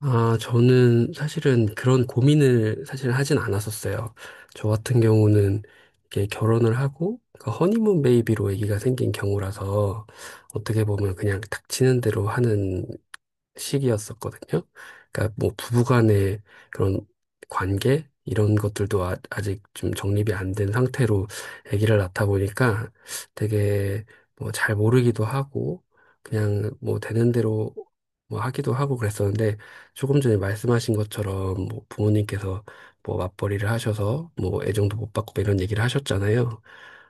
아, 저는 사실은 그런 고민을 사실 하진 않았었어요. 저 같은 경우는 이렇게 결혼을 하고 그 허니문 베이비로 아기가 생긴 경우라서 어떻게 보면 그냥 닥치는 대로 하는 시기였었거든요. 그러니까 뭐 부부간의 그런 관계 이런 것들도 아, 아직 좀 정립이 안된 상태로 아기를 낳다 보니까 되게 뭐 잘 모르기도 하고 그냥 뭐 되는 대로 뭐 하기도 하고 그랬었는데 조금 전에 말씀하신 것처럼 뭐 부모님께서 뭐 맞벌이를 하셔서 뭐 애정도 못 받고 뭐 이런 얘기를 하셨잖아요.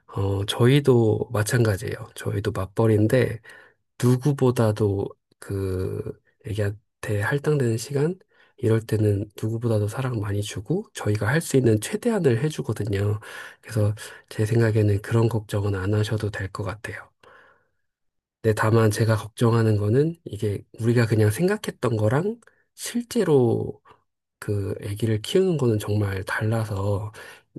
저희도 마찬가지예요. 저희도 맞벌이인데 누구보다도 그 애기한테 할당되는 시간, 이럴 때는 누구보다도 사랑 많이 주고 저희가 할 수 있는 최대한을 해주거든요. 그래서 제 생각에는 그런 걱정은 안 하셔도 될 것 같아요. 근데 다만 제가 걱정하는 거는 이게 우리가 그냥 생각했던 거랑 실제로 그 아기를 키우는 거는 정말 달라서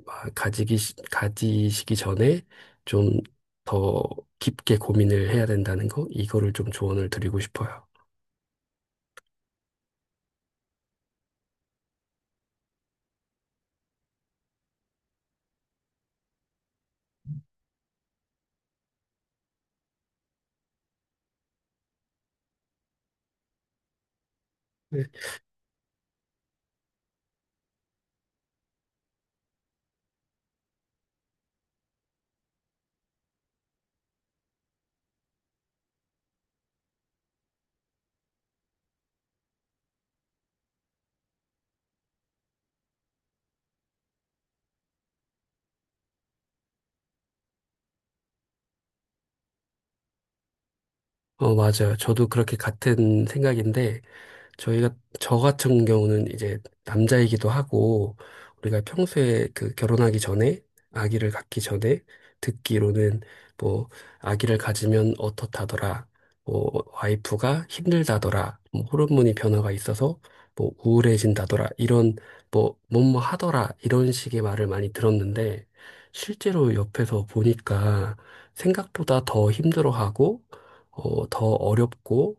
막 가지시기 전에 좀 더 깊게 고민을 해야 된다는 거 이거를 좀 조언을 드리고 싶어요. 맞아요. 저도 그렇게 같은 생각인데, 저희가, 저 같은 경우는 이제 남자이기도 하고, 우리가 평소에 그 결혼하기 전에, 아기를 갖기 전에 듣기로는 뭐, 아기를 가지면 어떻다더라, 뭐, 와이프가 힘들다더라, 뭐, 호르몬이 변화가 있어서 뭐, 우울해진다더라, 이런 뭐, 뭐뭐 하더라, 이런 식의 말을 많이 들었는데, 실제로 옆에서 보니까 생각보다 더 힘들어하고, 더 어렵고,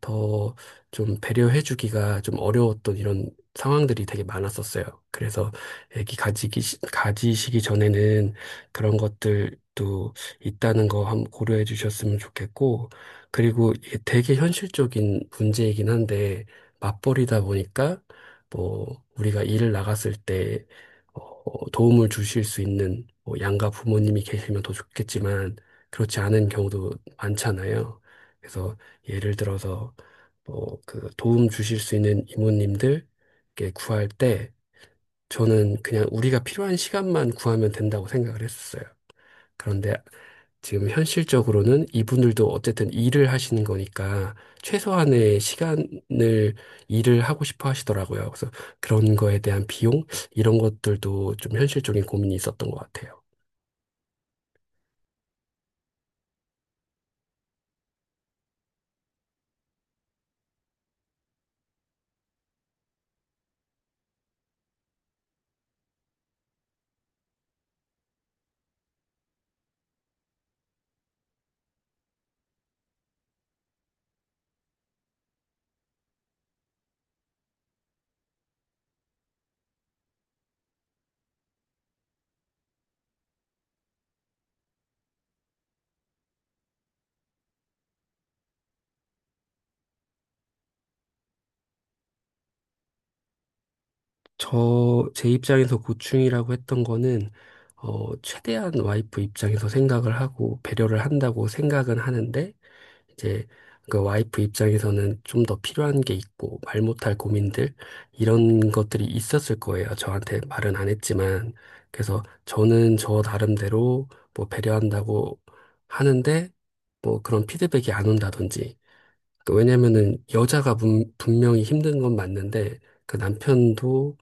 더 좀 배려해주기가 좀 어려웠던 이런 상황들이 되게 많았었어요. 그래서 가지시기 전에는 그런 것들도 있다는 거 한번 고려해 주셨으면 좋겠고, 그리고 이게 되게 현실적인 문제이긴 한데, 맞벌이다 보니까, 뭐, 우리가 일을 나갔을 때, 도움을 주실 수 있는 뭐 양가 부모님이 계시면 더 좋겠지만, 그렇지 않은 경우도 많잖아요. 그래서 예를 들어서 뭐 그 도움 주실 수 있는 이모님들께 구할 때 저는 그냥 우리가 필요한 시간만 구하면 된다고 생각을 했었어요. 그런데 지금 현실적으로는 이분들도 어쨌든 일을 하시는 거니까 최소한의 시간을 일을 하고 싶어 하시더라고요. 그래서 그런 거에 대한 비용 이런 것들도 좀 현실적인 고민이 있었던 것 같아요. 저, 제 입장에서 고충이라고 했던 거는, 최대한 와이프 입장에서 생각을 하고 배려를 한다고 생각은 하는데, 이제 그 와이프 입장에서는 좀 더 필요한 게 있고, 말 못할 고민들, 이런 것들이 있었을 거예요. 저한테 말은 안 했지만. 그래서 저는 저 나름대로 뭐 배려한다고 하는데, 뭐 그런 피드백이 안 온다든지. 그 왜냐면은 분명히 힘든 건 맞는데, 그 남편도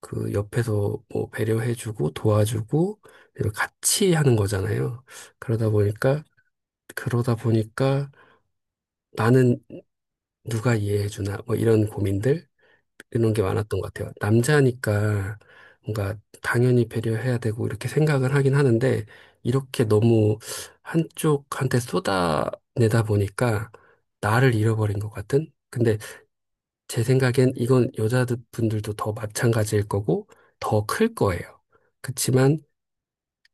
그 옆에서 뭐 배려해주고 도와주고 이렇게 같이 하는 거잖아요. 그러다 보니까 그러다 보니까 나는 누가 이해해주나 뭐 이런 고민들 이런 게 많았던 것 같아요. 남자니까 뭔가 당연히 배려해야 되고 이렇게 생각을 하긴 하는데 이렇게 너무 한쪽한테 쏟아내다 보니까 나를 잃어버린 것 같은? 근데 제 생각엔 이건 여자분들도 더 마찬가지일 거고 더 클 거예요. 그치만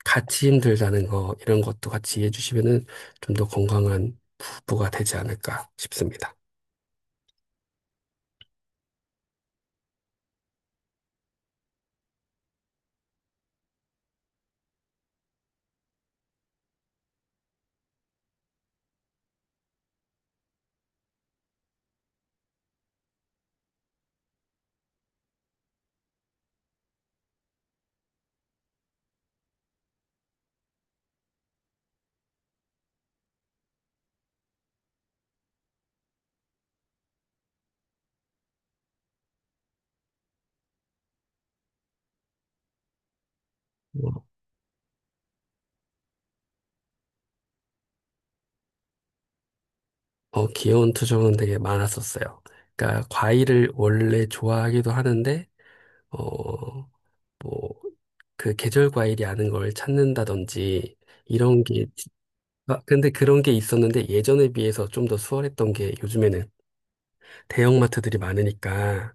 같이 힘들다는 거, 이런 것도 같이 이해해 주시면은 좀 더 건강한 부부가 되지 않을까 싶습니다. 귀여운 투정은 되게 많았었어요. 그러니까 과일을 원래 좋아하기도 하는데, 어, 뭐, 그 계절 과일이 아닌 걸 찾는다든지, 이런 게 아, 근데 그런 게 있었는데 예전에 비해서 좀 더 수월했던 게 요즘에는 대형마트들이 많으니까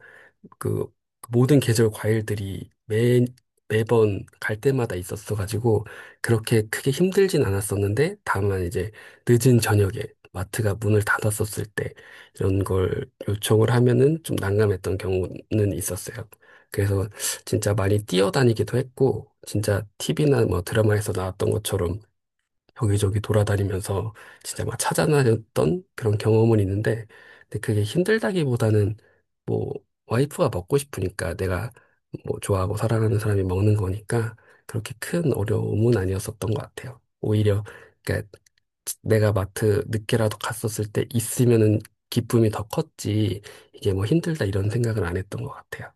그 모든 계절 과일들이 매번 갈 때마다 있었어가지고 그렇게 크게 힘들진 않았었는데 다만 이제 늦은 저녁에 마트가 문을 닫았었을 때 이런 걸 요청을 하면은 좀 난감했던 경우는 있었어요. 그래서 진짜 많이 뛰어다니기도 했고 진짜 TV나 뭐 드라마에서 나왔던 것처럼 여기저기 돌아다니면서 진짜 막 찾아다녔던 그런 경험은 있는데, 근데 그게 힘들다기보다는 뭐 와이프가 먹고 싶으니까 내가 뭐 좋아하고 사랑하는 사람이 먹는 거니까 그렇게 큰 어려움은 아니었었던 것 같아요. 오히려 그러니까 내가 마트 늦게라도 갔었을 때 있으면은 기쁨이 더 컸지 이게 뭐 힘들다 이런 생각을 안 했던 것 같아요.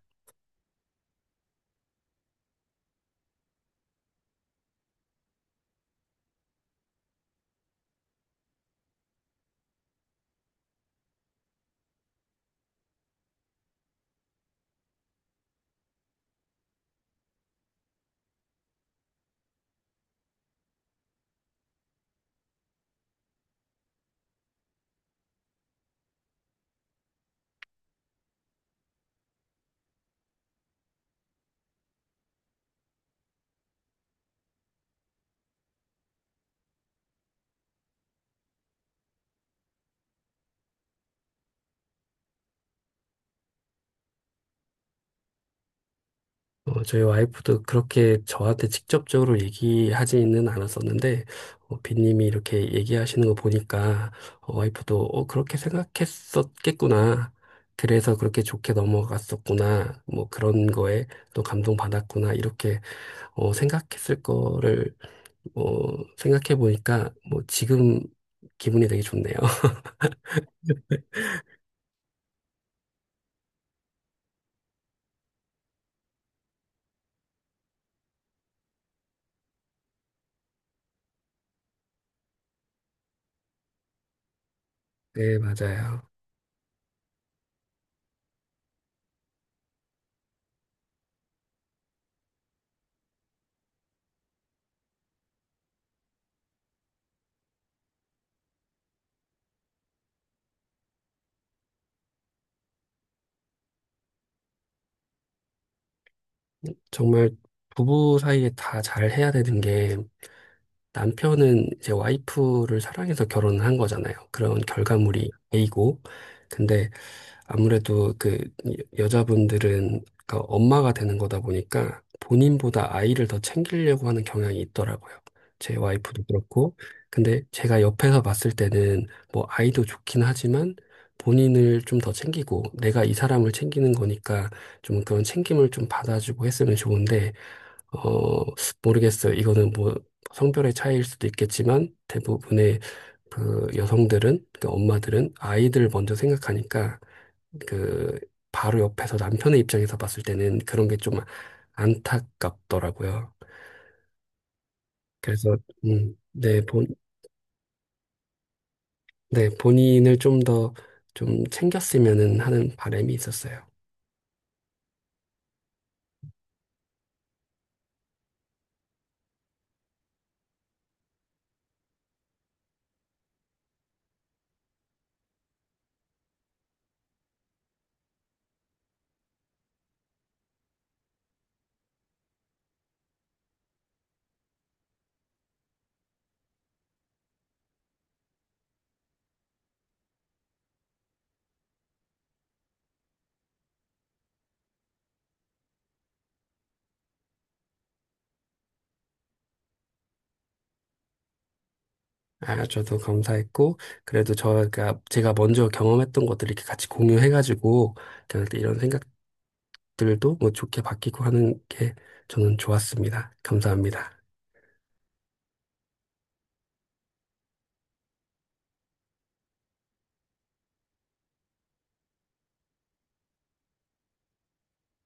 저희 와이프도 그렇게 저한테 직접적으로 얘기하지는 않았었는데, 빈님이 이렇게 얘기하시는 거 보니까, 와이프도, 그렇게 생각했었겠구나. 그래서 그렇게 좋게 넘어갔었구나. 뭐 그런 거에 또 감동받았구나. 이렇게, 생각했을 거를, 어, 생각해 보니까, 뭐 지금 기분이 되게 좋네요. 네, 맞아요. 정말 부부 사이에 다 잘해야 되는 게, 남편은 제 와이프를 사랑해서 결혼을 한 거잖아요. 그런 결과물이 A고, 근데 아무래도 그 자분들은 그러니까 엄마가 되는 거다 보니까 본인보다 아이를 더 챙기려고 하는 경향이 있더라고요. 제 와이프도 그렇고. 근데 제가 옆에서 봤을 때는 뭐 아이도 좋긴 하지만 본인을 좀 더 챙기고 내가 이 사람을 챙기는 거니까 좀 그런 챙김을 좀 받아주고 했으면 좋은데 어, 모르겠어요. 이거는 뭐 성별의 차이일 수도 있겠지만 대부분의 그 여성들은, 그 엄마들은 아이들 먼저 생각하니까 그 바로 옆에서 남편의 입장에서 봤을 때는 그런 게 좀 안타깝더라고요. 그래서 음, 네, 본, 네, 본인을 좀 더 좀 챙겼으면 하는 바람이 있었어요. 아, 저도 감사했고 그래도 저가 제가 먼저 경험했던 것들 이렇게 같이 공유해가지고 그냥 이런 생각들도 뭐 좋게 바뀌고 하는 게 저는 좋았습니다. 감사합니다.